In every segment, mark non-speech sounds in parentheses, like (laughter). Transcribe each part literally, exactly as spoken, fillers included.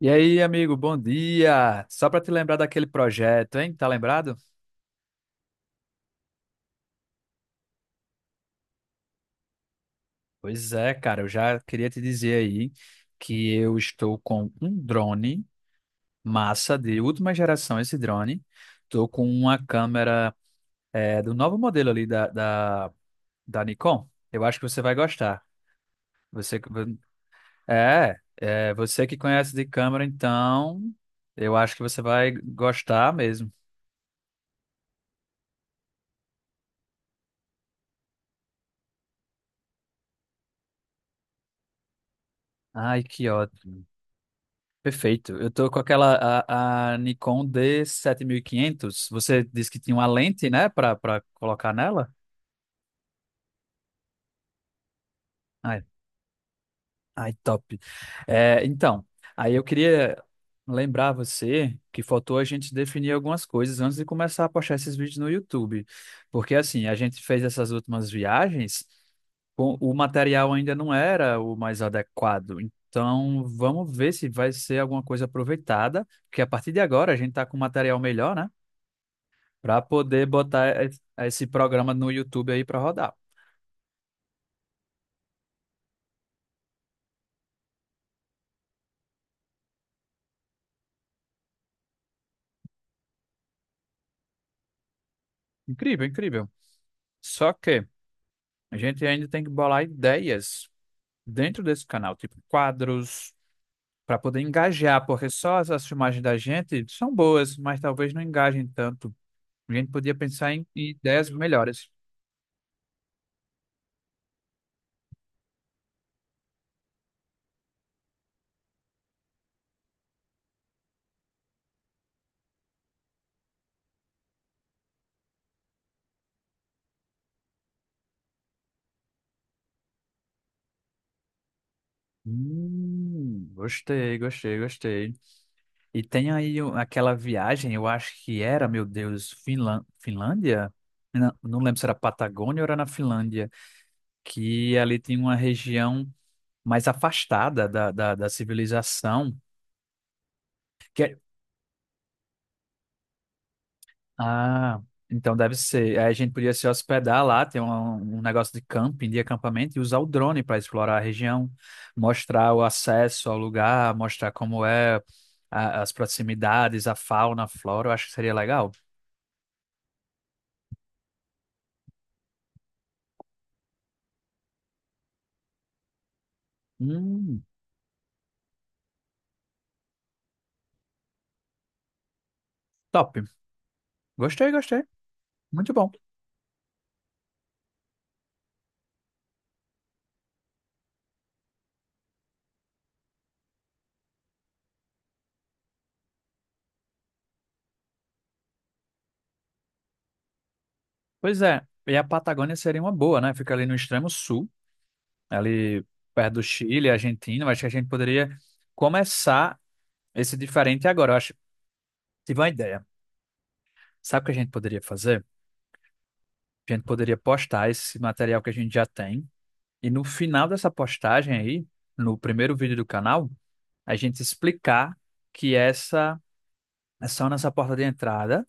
E aí, amigo, bom dia! Só para te lembrar daquele projeto, hein? Tá lembrado? Pois é, cara, eu já queria te dizer aí que eu estou com um drone massa de última geração, esse drone. Estou com uma câmera é, do novo modelo ali da, da, da Nikon. Eu acho que você vai gostar. Você que- é, é você que conhece de câmera, então eu acho que você vai gostar mesmo. Ai, que ótimo. Perfeito. Eu tô com aquela a, a Nikon d sete mil e quinhentos. Você disse que tinha uma lente, né, para para colocar nela? Ai, ai, top. É, então, aí eu queria lembrar você que faltou a gente definir algumas coisas antes de começar a postar esses vídeos no YouTube. Porque assim, a gente fez essas últimas viagens, com- o material ainda não era o mais adequado. Então, vamos ver se vai ser alguma coisa aproveitada, porque a partir de agora a gente tá com um material melhor, né, para poder botar es- esse programa no YouTube aí para rodar. Incrível, incrível. Só que a gente ainda tem que bolar ideias dentro desse canal, tipo quadros, para poder engajar, porque só as, as filmagens da gente são boas, mas talvez não engajem tanto. A gente podia pensar em, em ideias melhores. Hum, gostei, gostei, gostei. E tem aí o- aquela viagem, eu acho que era, meu Deus, Finlan- Finlândia? Não, não lembro se era Patagônia ou era na Finlândia, que ali tem uma região mais afastada da, da, da civilização. Que é- Ah, então deve ser. Aí a gente podia se hospedar lá, ter um, um negócio de camping, de acampamento, e usar o drone para explorar a região, mostrar o acesso ao lugar, mostrar como é a- as proximidades, a fauna, a flora. Eu acho que seria legal. Hum, Top. Gostei, gostei. Muito bom. Pois é. E a Patagônia seria uma boa, né? Fica ali no extremo sul, ali perto do Chile, Argentina, mas acho que a gente poderia começar esse diferente agora. Eu acho, tive uma ideia. Sabe o que a gente poderia fazer? A gente poderia postar esse material que a gente já tem e no final dessa postagem aí, no primeiro vídeo do canal, a gente explicar que essa é só nossa porta de entrada,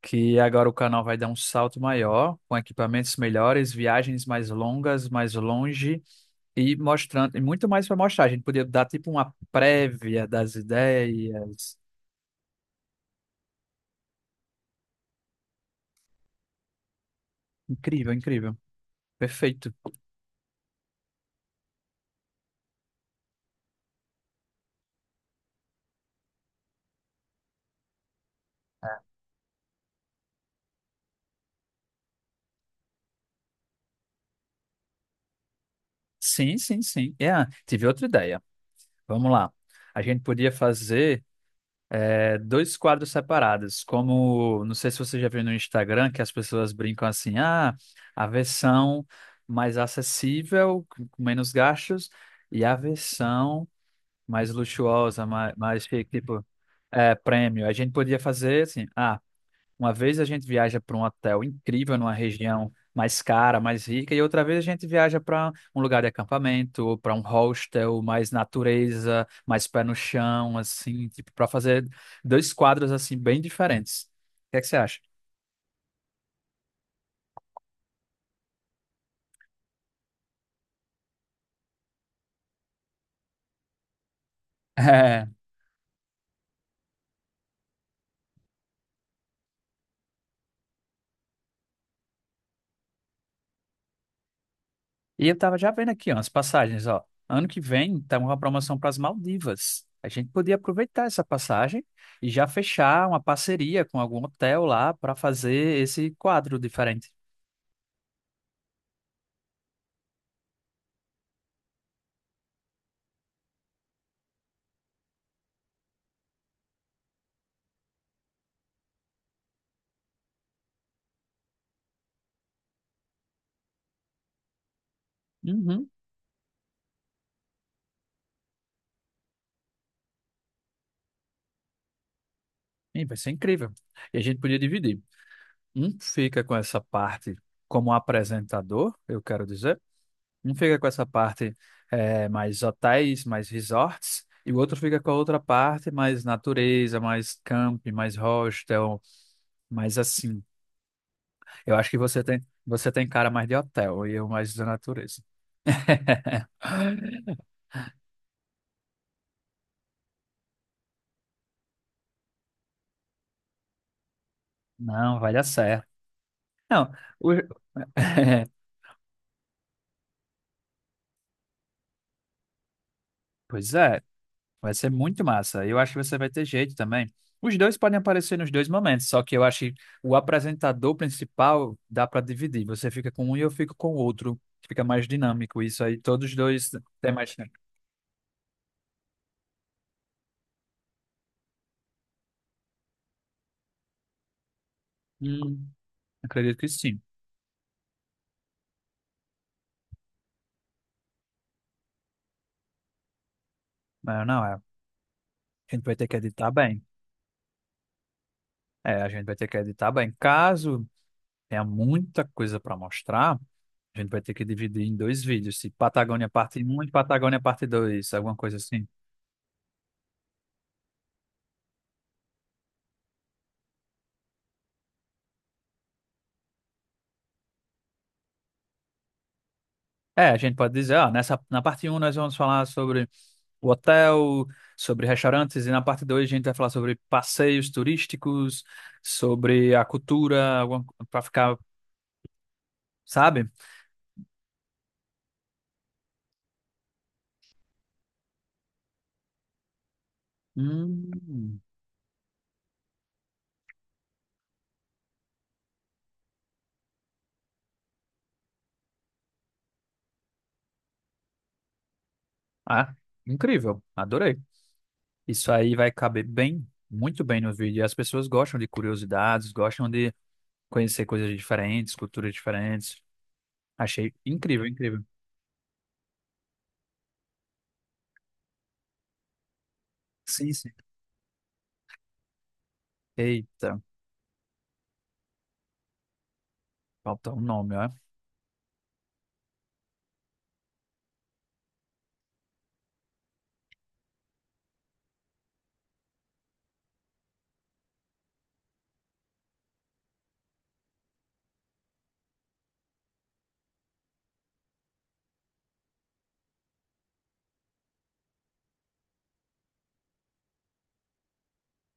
que agora o canal vai dar um salto maior, com equipamentos melhores, viagens mais longas, mais longe e mostrando, e muito mais para mostrar. A gente podia dar tipo uma prévia das ideias. Incrível, incrível. Perfeito. Sim, sim, sim. É, tive outra ideia. Vamos lá. A gente podia fazer é, dois quadros separados, como, não sei se você já viu no Instagram, que as pessoas brincam assim, ah, a versão mais acessível, com com menos gastos, e a versão mais luxuosa, mais, mais chique, tipo, é, prêmio. A gente podia fazer assim. ah, Uma vez a gente viaja para um hotel incrível, numa região mais cara, mais rica, e outra vez a gente viaja para um lugar de acampamento, para um hostel, mais natureza, mais pé no chão, assim, tipo, para fazer dois quadros assim bem diferentes. O que é que você acha? (laughs) É. E eu tava já vendo aqui, ó, as passagens, ó. Ano que vem tá uma promoção para as Maldivas. A gente podia aproveitar essa passagem e já fechar uma parceria com algum hotel lá para fazer esse quadro diferente. Uhum. Ih, vai ser incrível. E a gente podia dividir. Um fica com essa parte como apresentador, eu quero dizer. Um fica com essa parte eh, mais hotéis, mais resorts. E o outro fica com a outra parte mais natureza, mais camping, mais hostel, mais assim. Eu acho que você tem, você tem cara mais de hotel e eu mais da natureza. (laughs) Não, vai dar certo. Não, o- (laughs) pois é. Vai ser muito massa. Eu acho que você vai ter jeito também. Os dois podem aparecer nos dois momentos, só que eu acho que o apresentador principal dá para dividir. Você fica com um e eu fico com o outro. Fica mais dinâmico isso aí. Todos os dois têm mais tempo. Hum, Acredito que sim. Mas não, é. A gente vai ter que editar bem. É, a gente vai ter que editar bem. Caso tenha muita coisa para mostrar, a gente vai ter que dividir em dois vídeos. Se Patagônia parte um e Patagônia parte dois, alguma coisa assim. É, a gente pode dizer, ó, nessa, na parte um nós vamos falar sobre o hotel, sobre restaurantes, e na parte dois a gente vai falar sobre passeios turísticos, sobre a cultura, para ficar, sabe? Hum, ah, Incrível, adorei. Isso aí vai caber bem, muito bem no vídeo. E as pessoas gostam de curiosidades, gostam de conhecer coisas diferentes, culturas diferentes. Achei incrível, incrível. Sim, sim. Eita, faltou um nome, ó.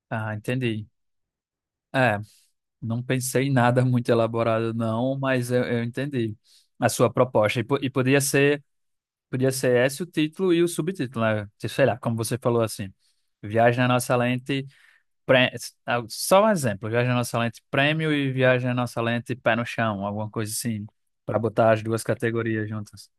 Ah, entendi. É. Não pensei em nada muito elaborado, não, mas eu, eu entendi a sua proposta. E, po- e podia ser, podia ser, esse o título e o subtítulo, né? Tipo, sei lá, como você falou assim. Viagem na nossa lente, pre- ah, só um exemplo, Viagem na Nossa Lente Prêmio e Viagem na Nossa Lente Pé no Chão, alguma coisa assim, para botar as duas categorias juntas.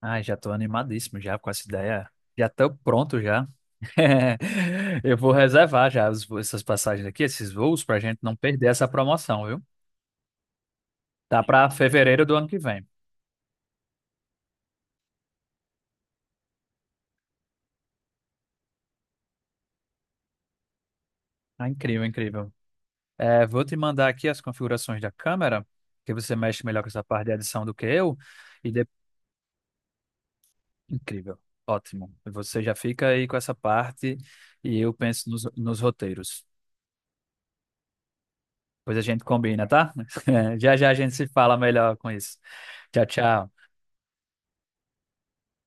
Ai, já estou animadíssimo já com essa ideia. Já estou pronto já. (laughs) Eu vou reservar já os- essas passagens aqui, esses voos, para a gente não perder essa promoção, viu? Tá para fevereiro do ano que vem. Ah, incrível, incrível. É, vou te mandar aqui as configurações da câmera, que você mexe melhor com essa parte de edição do que eu. E de- Incrível, ótimo. Você já fica aí com essa parte e eu penso nos, nos roteiros. Depois a gente combina, tá? (laughs) Já já a gente se fala melhor com isso. Tchau, tchau.